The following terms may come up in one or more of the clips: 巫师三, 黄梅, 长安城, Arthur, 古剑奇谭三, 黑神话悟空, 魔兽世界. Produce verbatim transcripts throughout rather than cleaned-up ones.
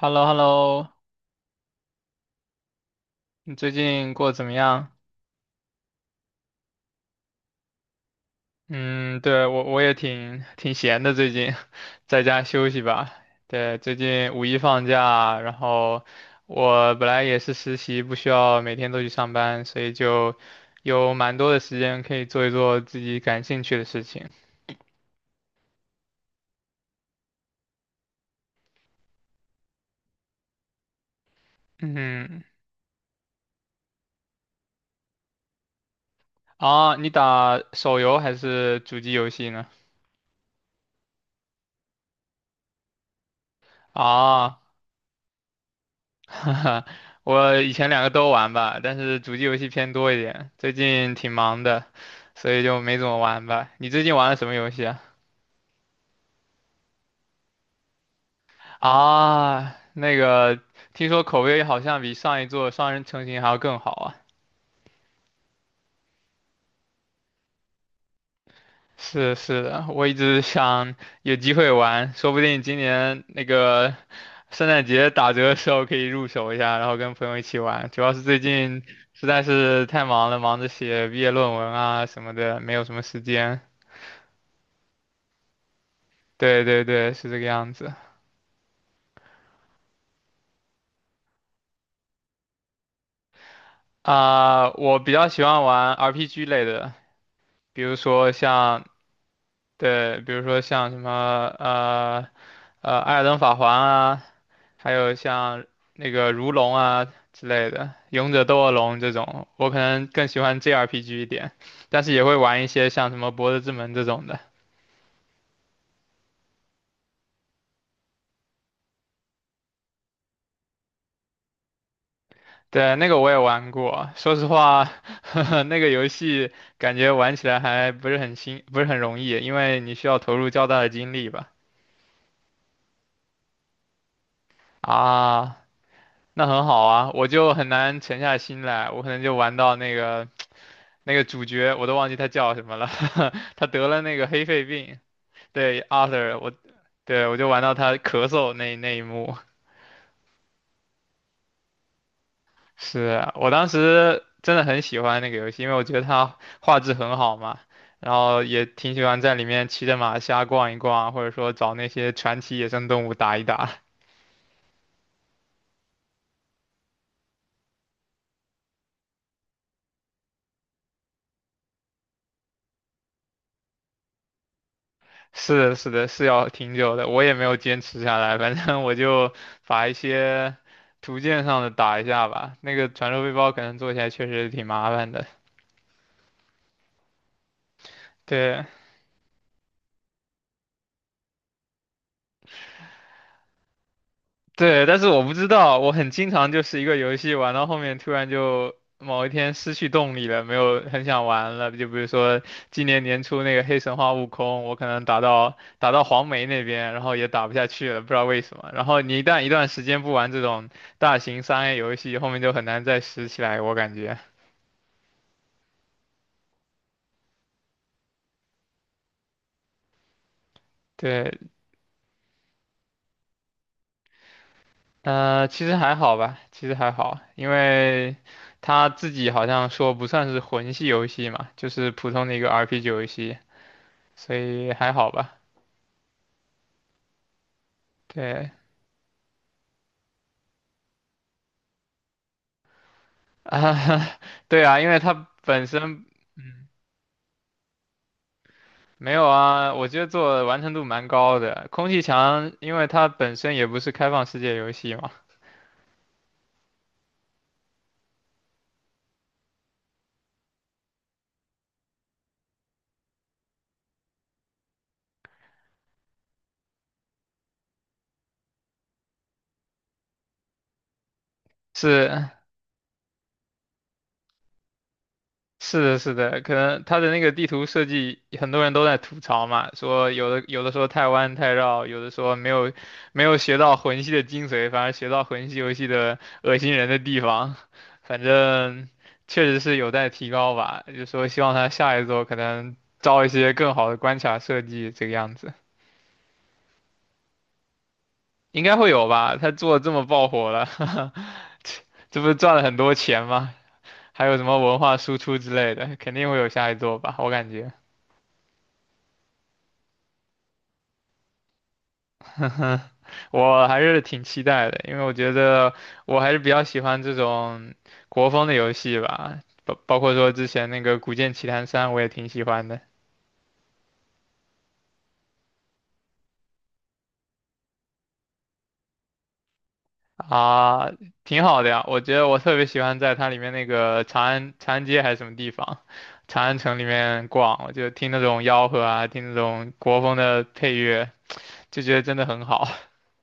h e l l o h e l l o 你最近过得怎么样？嗯，对，我我也挺挺闲的，最近 在家休息吧。对，最近五一放假，然后我本来也是实习，不需要每天都去上班，所以就有蛮多的时间可以做一做自己感兴趣的事情。嗯，啊，你打手游还是主机游戏呢？啊 哈哈，我以前两个都玩吧，但是主机游戏偏多一点，最近挺忙的，所以就没怎么玩吧。你最近玩了什么游戏啊？啊，那个，听说口碑好像比上一座《双人成行》还要更好啊。是是的，我一直想有机会玩，说不定今年那个圣诞节打折的时候可以入手一下，然后跟朋友一起玩。主要是最近实在是太忙了，忙着写毕业论文啊什么的，没有什么时间。对对对，是这个样子。啊、我比较喜欢玩 R P G 类的，比如说像。对，比如说像什么呃呃《艾尔登法环》啊，还有像那个《如龙》啊之类的，《勇者斗恶龙》这种，我可能更喜欢 J R P G 一点，但是也会玩一些像什么《博德之门》这种的。对，那个我也玩过，说实话，那个游戏感觉玩起来还不是很新，不是很容易，因为你需要投入较大的精力吧。啊，那很好啊，我就很难沉下心来，我可能就玩到那个那个主角，我都忘记他叫什么了，他得了那个黑肺病，对，Arthur，我。对我就玩到他咳嗽那那一幕，是啊我当时真的很喜欢那个游戏，因为我觉得它画质很好嘛，然后也挺喜欢在里面骑着马瞎逛一逛，或者说找那些传奇野生动物打一打。是的，是的，是要挺久的，我也没有坚持下来，反正我就把一些图鉴上的打一下吧。那个传说背包可能做起来确实挺麻烦的，对。对，但是我不知道，我很经常就是一个游戏玩到后面，突然就某一天失去动力了，没有很想玩了。就比如说今年年初那个黑神话悟空，我可能打到打到黄梅那边，然后也打不下去了，不知道为什么。然后你一旦一段时间不玩这种大型三 A 游戏，后面就很难再拾起来，我感觉。对，呃，其实还好吧，其实还好，因为他自己好像说不算是魂系游戏嘛，就是普通的一个 R P G 游戏。所以还好吧。对啊，对啊，因为它本身没有啊，我觉得做的完成度蛮高的。空气墙，因为它本身也不是开放世界游戏嘛，是是的，是的，可能他的那个地图设计，很多人都在吐槽嘛，说有的有的说太弯太绕，有的说没有没有学到魂系的精髓，反而学到魂系游戏的恶心人的地方，反正确实是有待提高吧。就说希望他下一座可能招一些更好的关卡设计，这个样子。应该会有吧？他做得这么爆火了，这不是赚了很多钱吗？还有什么文化输出之类的，肯定会有下一座吧，我感觉。我还是挺期待的，因为我觉得我还是比较喜欢这种国风的游戏吧，包包括说之前那个《古剑奇谭三》，我也挺喜欢的。啊，挺好的呀。我觉得我特别喜欢在它里面那个长安长安街还是什么地方，长安城里面逛，我就听那种吆喝啊，听那种国风的配乐，就觉得真的很好。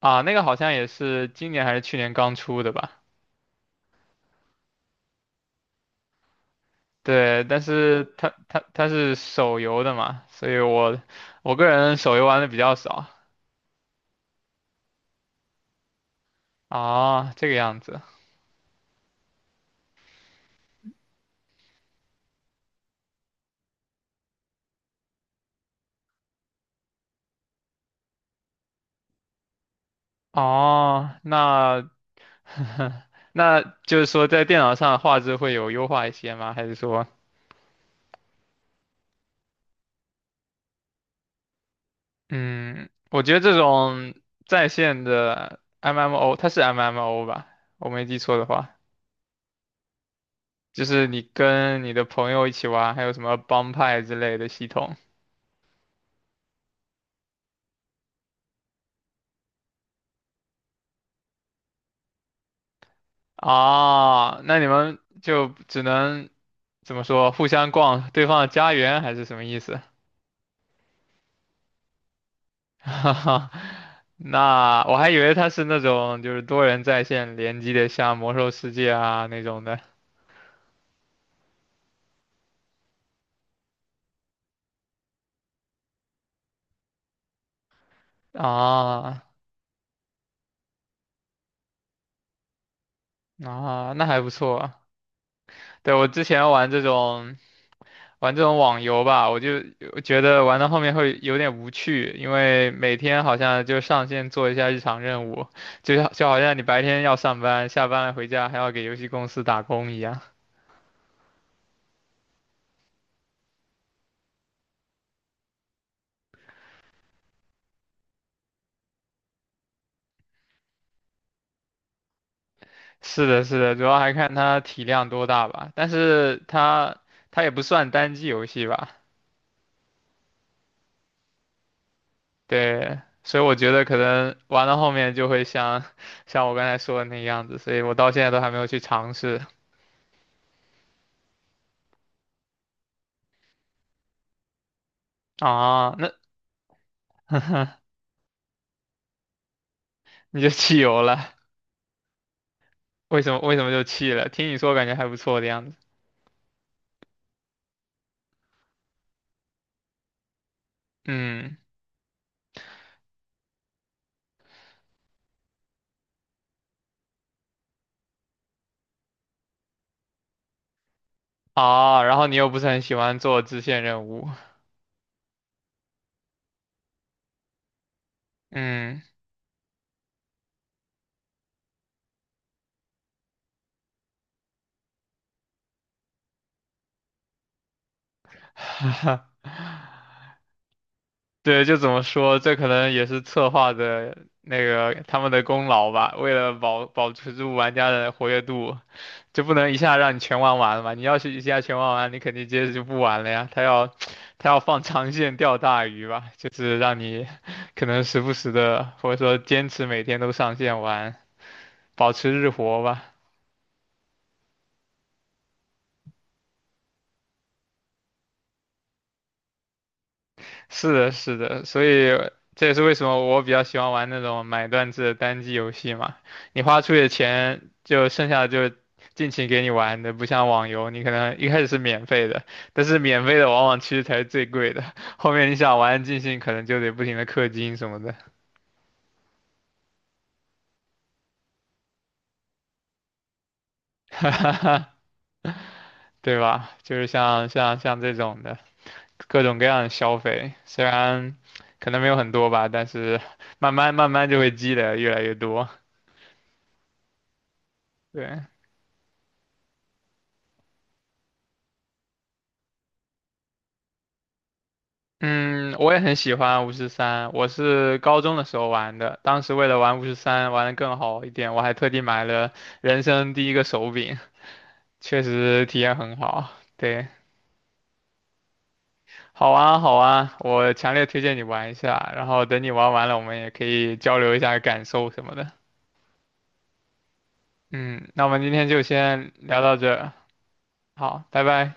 啊。那个好像也是今年还是去年刚出的吧。对，但是它它它是手游的嘛，所以我我个人手游玩的比较少。啊，这个样子。哦，那 那就是说在电脑上画质会有优化一些吗？还是说，嗯，我觉得这种在线的 M M O，它是 M M O 吧？我没记错的话，就是你跟你的朋友一起玩，还有什么帮派之类的系统。哦，那你们就只能怎么说，互相逛对方的家园还是什么意思？哈哈，那我还以为它是那种就是多人在线联机的，像魔兽世界啊那种的。啊。啊，那还不错。对，我之前玩这种玩这种网游吧，我就我觉得玩到后面会有点无趣，因为每天好像就上线做一下日常任务，就像就好像你白天要上班，下班了回家还要给游戏公司打工一样。是的，是的，主要还看它体量多大吧。但是它它也不算单机游戏吧，对，所以我觉得可能玩到后面就会像 像我刚才说的那样子，所以我到现在都还没有去尝试。啊。那你就弃游了？为什么为什么就弃了？听你说感觉还不错的样子。嗯，啊，然后你又不是很喜欢做支线任务，嗯，对，就怎么说，这可能也是策划的那个他们的功劳吧。为了保保持住玩家的活跃度，就不能一下让你全玩完了嘛。你要是一下全玩完，你肯定接着就不玩了呀。他要 他要放长线钓大鱼吧，就是让你 可能时不时的，或者说坚持每天都上线玩，保持日活吧。是的，是的，所以这也是为什么我比较喜欢玩那种买断制的单机游戏嘛。你花出去的钱，就剩下的就尽情给你玩的，不像网游，你可能一开始是免费的，但是免费的往往其实才是最贵的，后面你想玩尽兴，可能就得不停的氪金什么的，对吧？就是像像像这种的各种各样的消费，虽然可能没有很多吧，但是慢慢慢慢就会积累越来越多，对。嗯，我也很喜欢巫师三，我是高中的时候玩的，当时为了玩巫师三玩的更好一点，我还特地买了人生第一个手柄，确实体验很好。对，好啊好啊，我强烈推荐你玩一下，然后等你玩完了，我们也可以交流一下感受什么的。嗯，那我们今天就先聊到这儿。好，拜拜。